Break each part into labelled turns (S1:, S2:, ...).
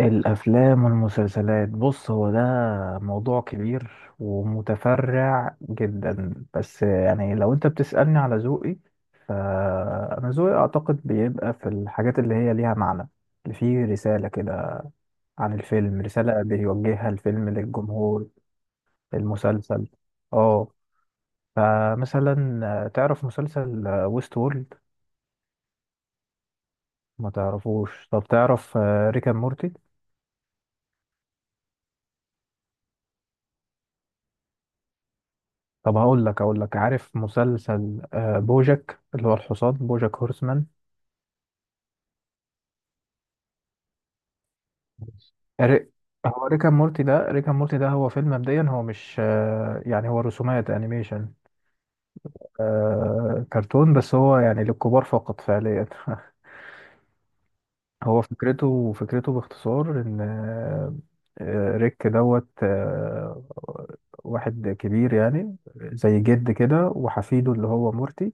S1: الأفلام والمسلسلات، بص هو ده موضوع كبير ومتفرع جدا. بس يعني لو أنت بتسألني على ذوقي، فأنا ذوقي أعتقد بيبقى في الحاجات اللي هي ليها معنى، اللي فيه رسالة كده عن الفيلم، رسالة بيوجهها الفيلم للجمهور. المسلسل، اه، فمثلا تعرف مسلسل ويست وورلد؟ ما تعرفوش؟ طب تعرف ريكا مورتي؟ طب هقول لك، عارف مسلسل، بوجك اللي هو الحصان بوجك هورسمان؟ ري- هو ريكا مورتي ده، هو فيلم مبدئيا، هو مش يعني هو رسومات انيميشن، كرتون، بس هو يعني للكبار فقط فعليا هو فكرته، باختصار ان ريك دوت، واحد كبير يعني زي جد كده وحفيده اللي هو مورتي،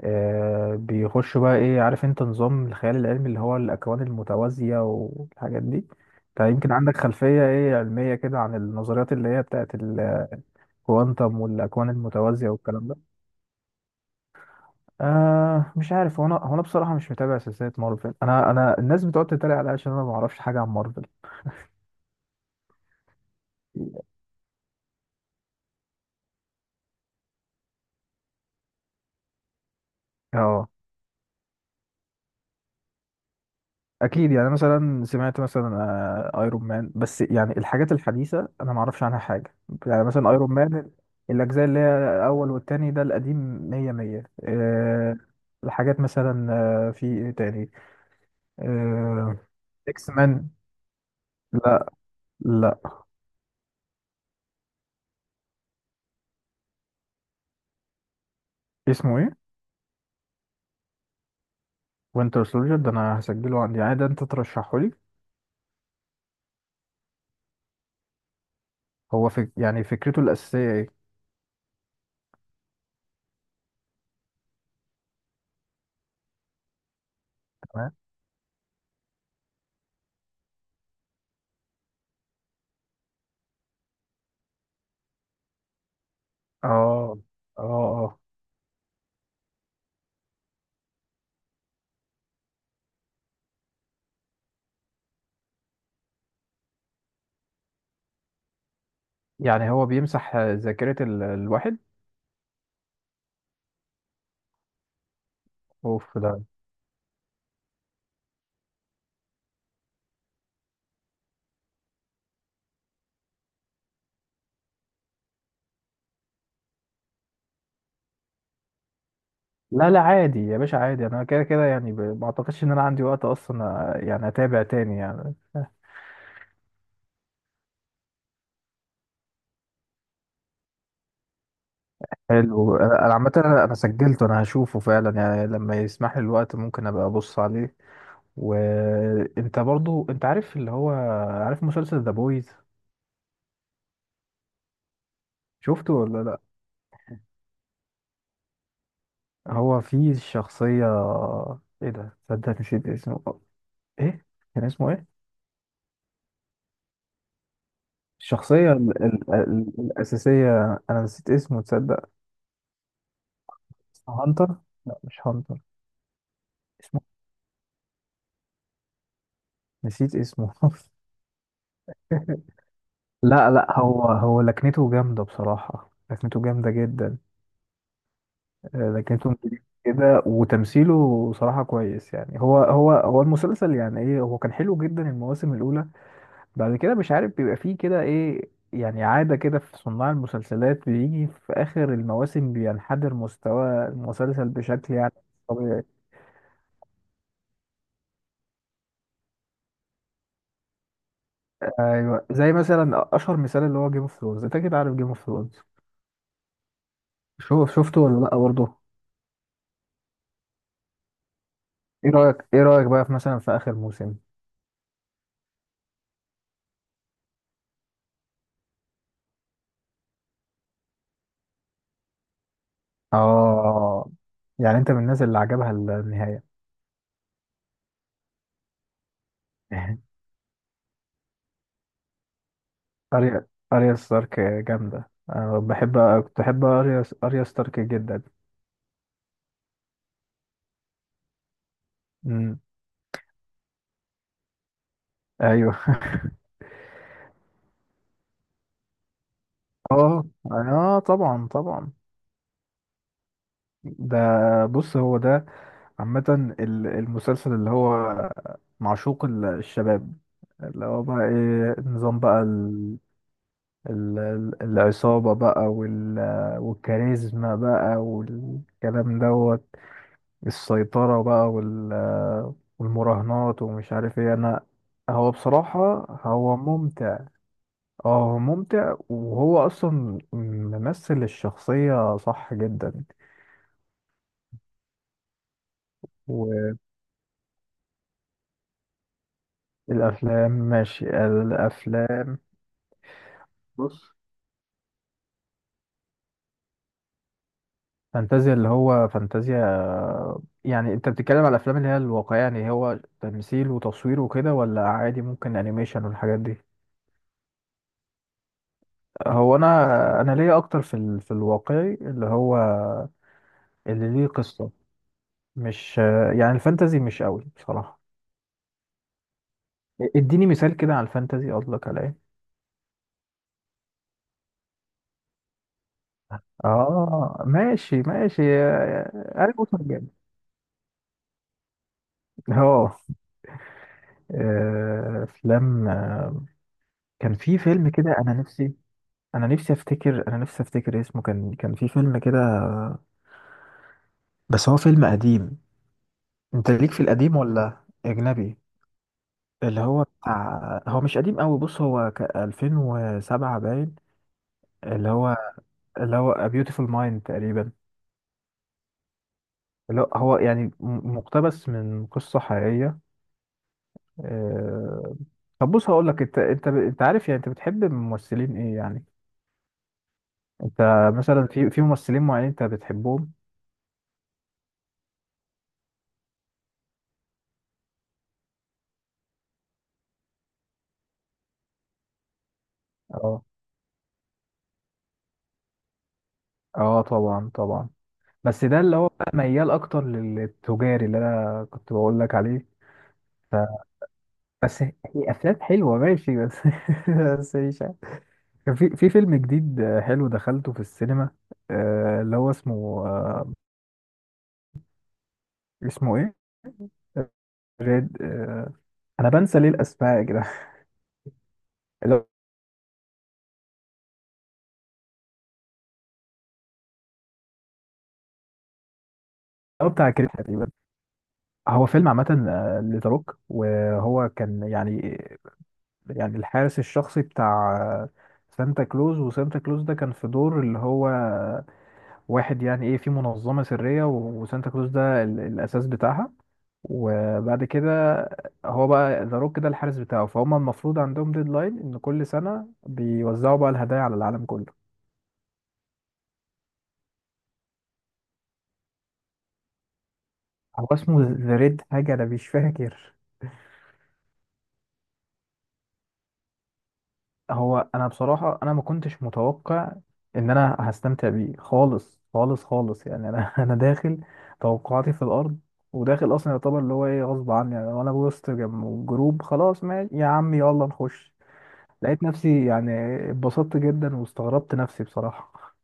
S1: آه بيخش بقى ايه، عارف انت نظام الخيال العلمي اللي هو الاكوان المتوازية والحاجات دي؟ انت يمكن عندك خلفية ايه علمية كده عن النظريات اللي هي بتاعت الكوانتم والاكوان المتوازية والكلام ده. آه مش عارف، هو انا، هو انا بصراحة مش متابع سلسلة مارفل. انا الناس بتقعد تتريق عليا عشان انا ما اعرفش حاجة عن مارفل. اه اكيد، يعني مثلا سمعت مثلا، ايرون مان. بس يعني الحاجات الحديثه انا ما اعرفش عنها حاجه. يعني مثلا ايرون مان، الاجزاء اللي هي الاول والتاني ده القديم. 100 100 أه. الحاجات مثلا، في ايه تاني، أه. اكس مان. لا، لا. اسمه ايه؟ وينتر سولجر ده انا هسجله عندي، يعني ده انت ترشحه لي. هو يعني فكرته الاساسيه ايه؟ تمام. اه اه اه، يعني هو بيمسح ذاكره الواحد. اوف ده. لا لا، عادي يا باشا عادي، انا كده كده يعني، ما اعتقدش ان انا عندي وقت اصلا، يعني اتابع تاني يعني. حلو. انا، عامه، انا سجلته، انا هشوفه فعلا يعني لما يسمح لي الوقت ممكن ابقى ابص عليه. وانت برضو، انت عارف اللي هو، عارف مسلسل ذا بويز؟ شفته ولا لا؟ هو فيه شخصيه، ايه ده، صدق نسيت اسمه. ايه كان اسمه ايه؟ الشخصيه الاساسيه، انا نسيت اسمه تصدق. هانتر. لا مش هانتر. نسيت اسمه. لا لا، هو لكنته جامدة بصراحة، لكنته جامدة جدا. لكنته انجليزي كده وتمثيله صراحة كويس. يعني هو المسلسل يعني ايه، هو كان حلو جدا المواسم الأولى. بعد كده مش عارف بيبقى فيه كده ايه، يعني عادة كده في صناع المسلسلات بيجي في آخر المواسم بينحدر مستوى المسلسل بشكل يعني طبيعي. ايوه زي مثلا أشهر مثال اللي هو جيم اوف ثرونز، انت كده عارف جيم اوف ثرونز؟ شوف شفته ولا لا برضه؟ ايه رأيك، بقى في مثلا في آخر موسم؟ اه. يعني انت من الناس اللي عجبها النهاية. اريا اريا ستارك جامدة، انا بحب، كنت بحب اريا ستارك جدا. امم. ايوه. اه اه طبعا طبعا. ده، بص هو ده عامة، المسلسل اللي هو معشوق الشباب، اللي هو بقى ايه، نظام بقى العصابة بقى والكاريزما بقى والكلام دوت، السيطرة بقى والمراهنات ومش عارف ايه انا. هو بصراحة هو ممتع. اه هو ممتع، وهو اصلا ممثل الشخصية صح جدا. والافلام، ماشي الافلام. بص، فانتازيا اللي هو فانتازيا، يعني انت بتتكلم على الافلام اللي هي الواقعيه يعني هو تمثيل وتصوير وكده، ولا عادي ممكن انيميشن والحاجات دي؟ هو انا، ليا اكتر في في الواقعي، اللي هو اللي ليه قصه، مش يعني الفانتازي مش قوي بصراحه. اديني مثال كده على الفانتازي، قصدك على ايه؟ اه ماشي ماشي، عارف وصل جامد. اه. افلام. كان في فيلم كده انا نفسي، انا نفسي افتكر اسمه، كان في فيلم كده. بس هو فيلم قديم. انت ليك في القديم ولا اجنبي؟ اللي هو بتاع، هو مش قديم قوي، بص هو ك 2007 باين. اللي هو، A Beautiful Mind تقريبا، اللي هو هو يعني مقتبس من قصة حقيقية. آه، طب بص، هقول لك، انت انت عارف يعني، انت بتحب ممثلين ايه يعني انت؟ مثلا في في ممثلين معينين انت بتحبهم. اه اه طبعا طبعا. بس ده اللي هو بقى ميال اكتر للتجاري اللي انا كنت بقول لك عليه. ف... بس هي افلام حلوه ماشي، بس بس مش عارف. كان في في فيلم جديد، حلو، دخلته في السينما، اللي هو اسمه، اسمه ايه، ريد، انا بنسى ليه الاسماء يا جدعان. اللي هو بتاع كريم تقريبا. هو فيلم عامه، لذا روك، وهو كان يعني، يعني الحارس الشخصي بتاع سانتا كلوز. وسانتا كلوز ده كان في دور اللي هو واحد يعني ايه في منظمة سرية، وسانتا كلوز ده الأساس بتاعها. وبعد كده هو بقى ذا روك ده الحارس بتاعه، فهم المفروض عندهم ديدلاين إن كل سنة بيوزعوا بقى الهدايا على العالم كله. هو اسمه ذا ريد حاجة أنا مش فاكر. هو أنا بصراحة أنا ما كنتش متوقع إن أنا هستمتع بيه خالص خالص خالص يعني. أنا أنا داخل توقعاتي في الأرض، وداخل أصلا يعتبر اللي هو إيه غصب عني، يعني وأنا وسط جروب، خلاص ماشي يا عم يلا نخش. لقيت نفسي يعني اتبسطت جدا واستغربت نفسي بصراحة.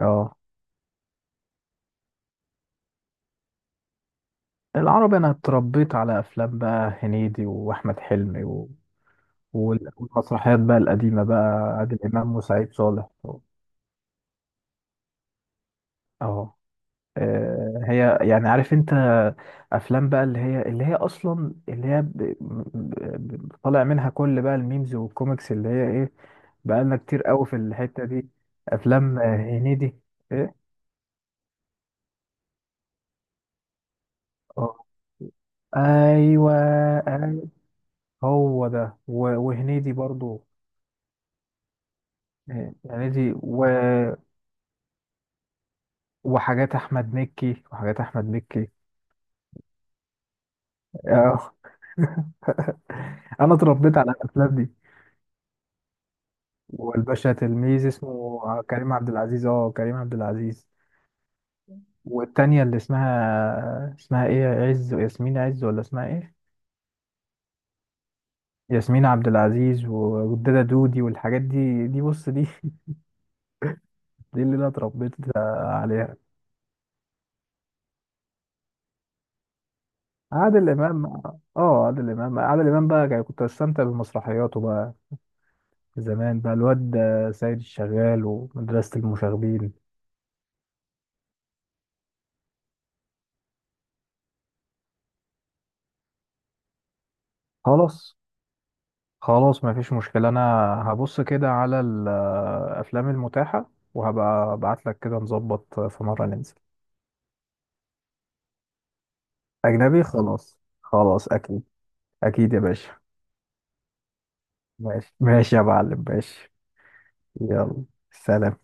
S1: اه العربي انا اتربيت على افلام بقى هنيدي واحمد حلمي و... والمسرحيات بقى القديمة بقى عادل امام وسعيد صالح. اه. هي يعني عارف انت، افلام بقى اللي هي اصلا اللي هي ب... ب... ب... طالع منها كل بقى الميمز والكوميكس اللي هي ايه. بقالنا كتير قوي في الحتة دي. افلام هنيدي. آه. ايوه. أيوة، هو ده، وهنيدي برضو آه، هنيدي و... وحاجات احمد مكي. آه. انا اتربيت على الافلام دي. والباشا تلميذ اسمه كريم عبد العزيز، اه كريم عبد العزيز. والتانية اللي اسمها، اسمها ايه، عز، ياسمين عز، ولا اسمها ايه؟ ياسمين عبد العزيز والدادا دودي والحاجات دي، دي بص دي دي اللي انا اتربيت عليها. عادل امام. اه عادل امام، بقى يعني كنت بستمتع بمسرحياته بقى زمان بقى، الواد ده، سيد الشغال، ومدرسة المشاغبين. خلاص خلاص، ما فيش مشكلة. انا هبص كده على الافلام المتاحة وهبقى ابعت لك كده نظبط في مرة ننزل. اجنبي خلاص خلاص، اكيد، اكيد يا باشا. ماشي ماشي يا معلم ماشي. يلا سلام.